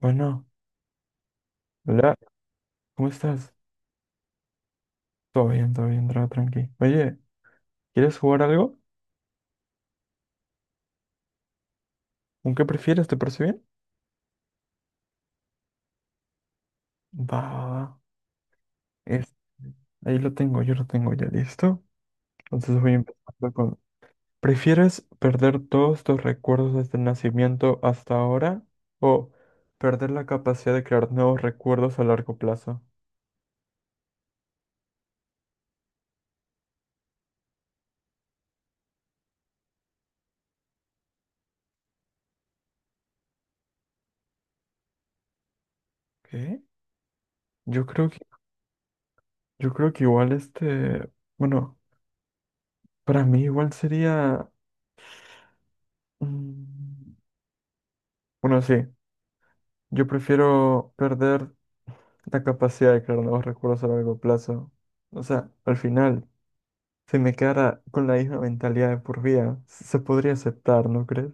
Bueno, hola, ¿cómo estás? Todo bien, todo bien, todo tranqui. Oye, ¿quieres jugar algo? ¿Un qué prefieres? ¿Te parece bien? Va, va, va. Es- Ahí lo tengo, yo lo tengo ya listo. Entonces voy empezando con... ¿Prefieres perder todos tus recuerdos desde el nacimiento hasta ahora o perder la capacidad de crear nuevos recuerdos a largo plazo? ¿Qué? Yo creo que, yo creo que igual este, bueno, para mí igual sería, mm, bueno, sí. Yo prefiero perder la capacidad de crear nuevos recuerdos a largo plazo. O sea, al final, si me quedara con la misma mentalidad de por vida, se podría aceptar, ¿no crees?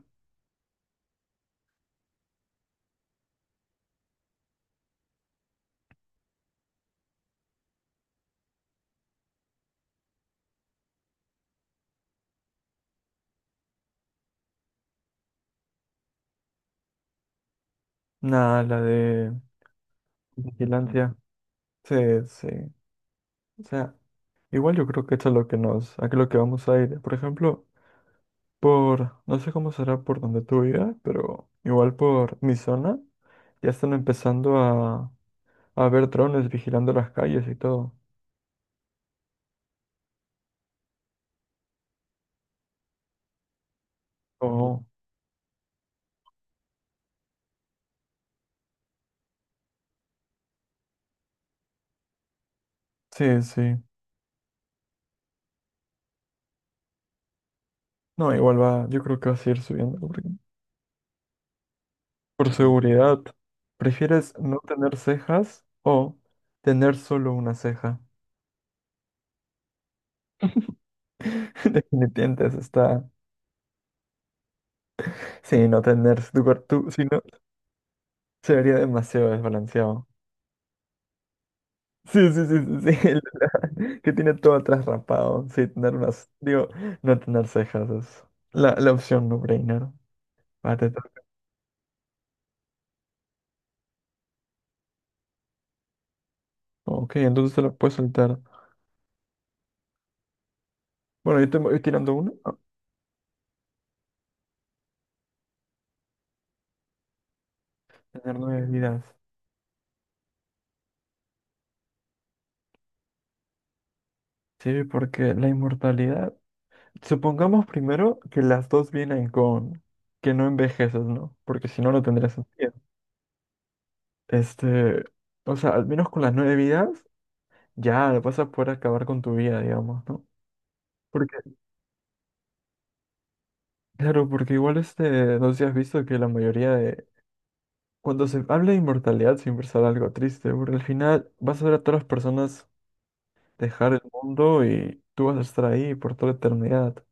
Nada, la de vigilancia. Sí, sí. O sea, igual yo creo que esto es lo que a lo que vamos a ir. Por ejemplo, no sé cómo será por donde tú vivas, pero igual por mi zona, ya están empezando a ver drones vigilando las calles y todo. Oh, sí, sí. No, igual va, yo creo que va a seguir subiendo, por seguridad. ¿Prefieres no tener cejas o tener solo una ceja? Definitivamente eso está. Sí, no tener tu cuerpo, si no, se vería demasiado desbalanceado. Sí, sí, sí, sí, sí. Que tiene todo atrás rapado. Sí, tener unas. Digo, no tener cejas es la opción no-brainer. Va, te toca. Ok, entonces te la puedes soltar. Bueno, yo te voy tirando uno. Ah, tener nueve vidas. Sí, porque la inmortalidad. Supongamos primero que las dos vienen con que no envejeces, ¿no? Porque si no, no tendría sentido. Este, o sea, al menos con las nueve vidas, ya vas a poder acabar con tu vida, digamos, ¿no? Porque, claro, porque igual este, no sé si has visto que la mayoría de... Cuando se habla de inmortalidad siempre sale algo triste, porque al final vas a ver a todas las personas dejar el mundo y tú vas a estar ahí por toda la eternidad.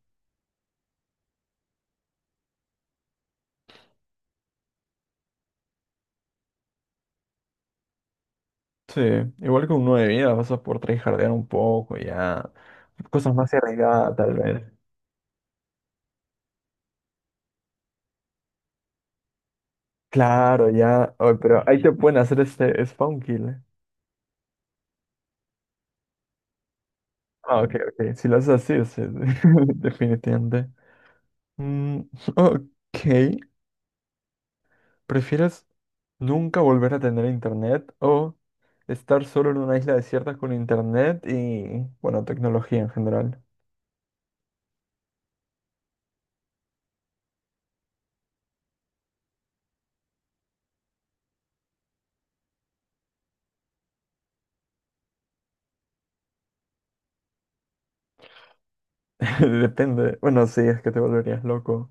Sí, igual que un 9 de vida, vas a poder tryhardear un poco, ya. Cosas más arriesgadas, tal vez. Claro, ya. Oye, pero ahí te pueden hacer este spawn kill, ¿Eh? Ah, ok, ok. Si lo haces así, es definitivamente. Mm, ok. ¿Prefieres nunca volver a tener internet o estar solo en una isla desierta con internet y, bueno, tecnología en general? Depende. Bueno, sí, es que te volverías loco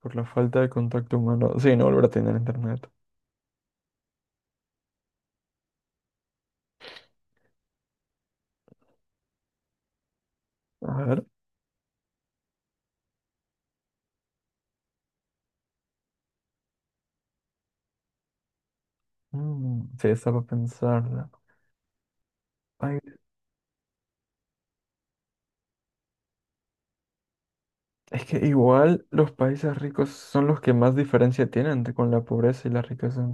por la falta de contacto humano. Sí, no volver a tener internet. A ver, mm, sí, está para pensarla. Ay, es que igual los países ricos son los que más diferencia tienen con la pobreza y la riqueza.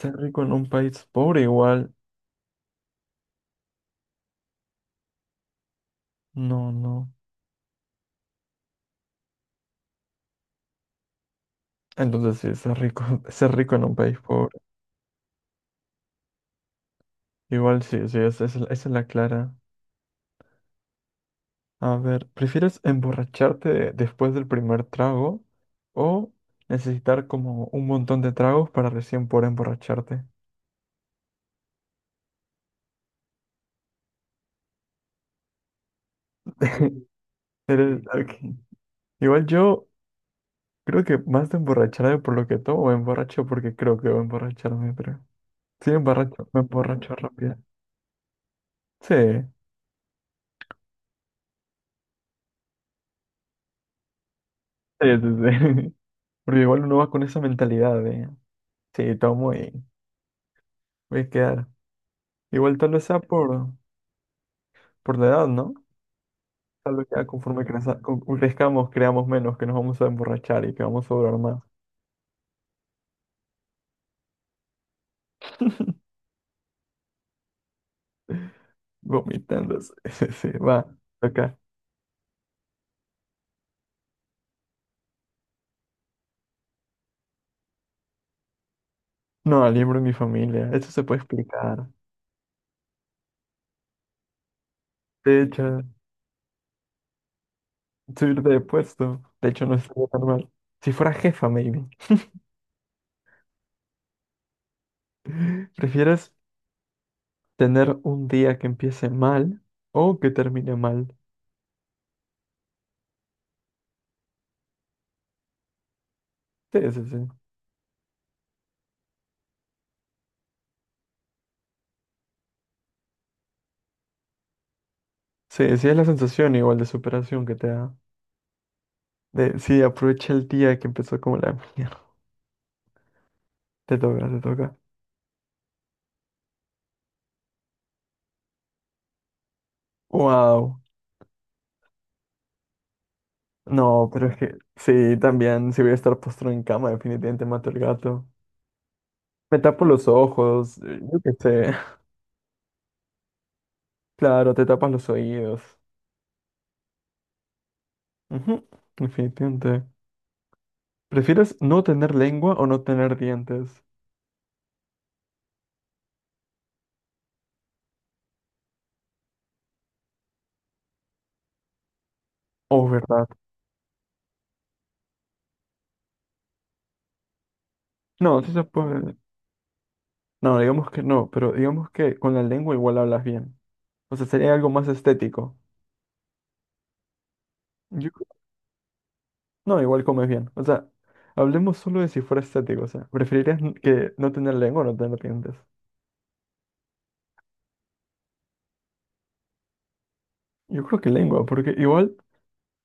Ser rico en un país pobre igual, no, no. Entonces sí, ser rico, ser rico en un país pobre. Igual sí, sí, esa es la clara. A ver, ¿prefieres emborracharte después del primer trago o necesitar como un montón de tragos para recién poder emborracharte? Ok. Igual yo... Creo que más de emborracharme por lo que tomo, me emborracho porque creo que voy a emborracharme, pero sí me emborracho, rápido. Sí, sí, sí, sí. Porque igual uno va con esa mentalidad de, sí, tomo y voy a quedar. Igual tal vez sea por la edad, ¿no? Tal vez ya conforme crezcamos, creamos menos, que nos vamos a emborrachar y que vamos a durar más vomitando. Sí, sí, sí, va, acá. No, libro en mi familia, eso se puede explicar. De hecho. Subirte de puesto. De hecho, no estaría tan mal. Si fuera jefa, maybe. ¿Prefieres tener un día que empiece mal o que termine mal? Sí, sí, sí. Sí, sí es la sensación igual de superación que te da. Sí, aprovecha el día que empezó como la mierda. Te toca, te toca. Wow. No, pero es que sí, también, si voy a estar postrado en cama, definitivamente mato al gato. Me tapo los ojos, yo qué sé. Claro, te tapas los oídos. Ujú, definitivamente. ¿Prefieres no tener lengua o no tener dientes? Oh, ¿verdad? No, sí se puede. No, digamos que no, pero digamos que con la lengua igual hablas bien. O sea, sería algo más estético. Yo creo- No, igual comes bien. O sea, hablemos solo de si fuera estético. O sea, ¿preferirías que no tener lengua o no tener dientes? Yo creo que lengua, porque igual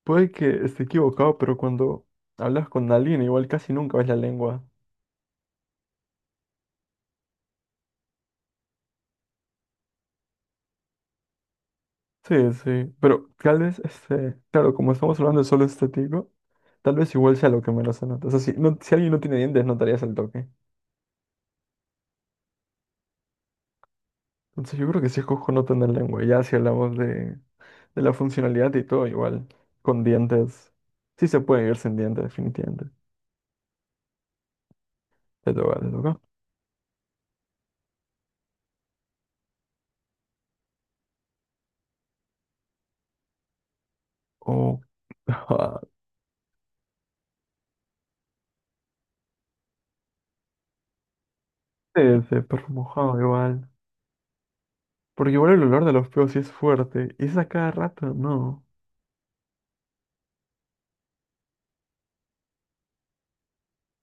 puede que esté equivocado, pero cuando hablas con alguien, igual casi nunca ves la lengua. Sí, sí, pero tal vez, este, claro, como estamos hablando de solo estético. Tal vez igual sea lo que menos se nota. O sea, si alguien no tiene dientes, notarías el toque. Entonces yo creo que sí escojo no tener lengua. Ya si hablamos de la funcionalidad y todo, igual. Con dientes. Sí se puede vivir sin dientes, definitivamente. Te toca, te toca. O... Sí, sí, perro mojado igual. Porque igual el olor de los peos sí es fuerte. Y es a cada rato, no.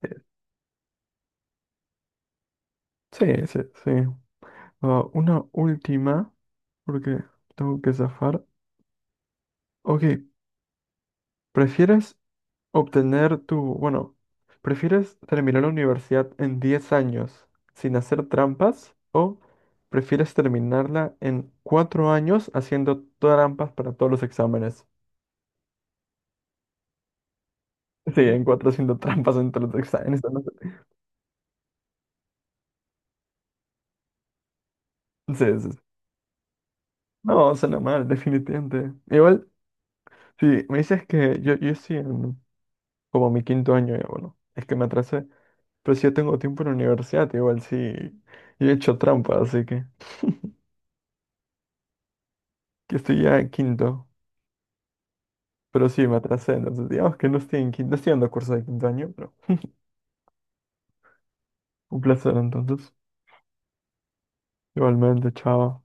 Eh, Sí, sí, sí. Ah, una última, porque tengo que zafar. Ok, ¿prefieres Obtener tu, bueno, ¿prefieres terminar la universidad en 10 años sin hacer trampas o prefieres terminarla en 4 años haciendo trampas para todos los exámenes? Sí, en cuatro haciendo trampas entre los exámenes. No, sé. Sí, sí, sí. No, suena mal, definitivamente. Igual, sí, me dices que yo sí en como mi quinto año, ya, bueno, es que me atrasé, pero si yo tengo tiempo en la universidad, igual sí, yo he hecho trampa, así que estoy ya en quinto. Pero sí, me atrasé, entonces digamos que no estoy en quinto, no estoy dando curso de quinto año, pero un placer entonces. Igualmente, chao.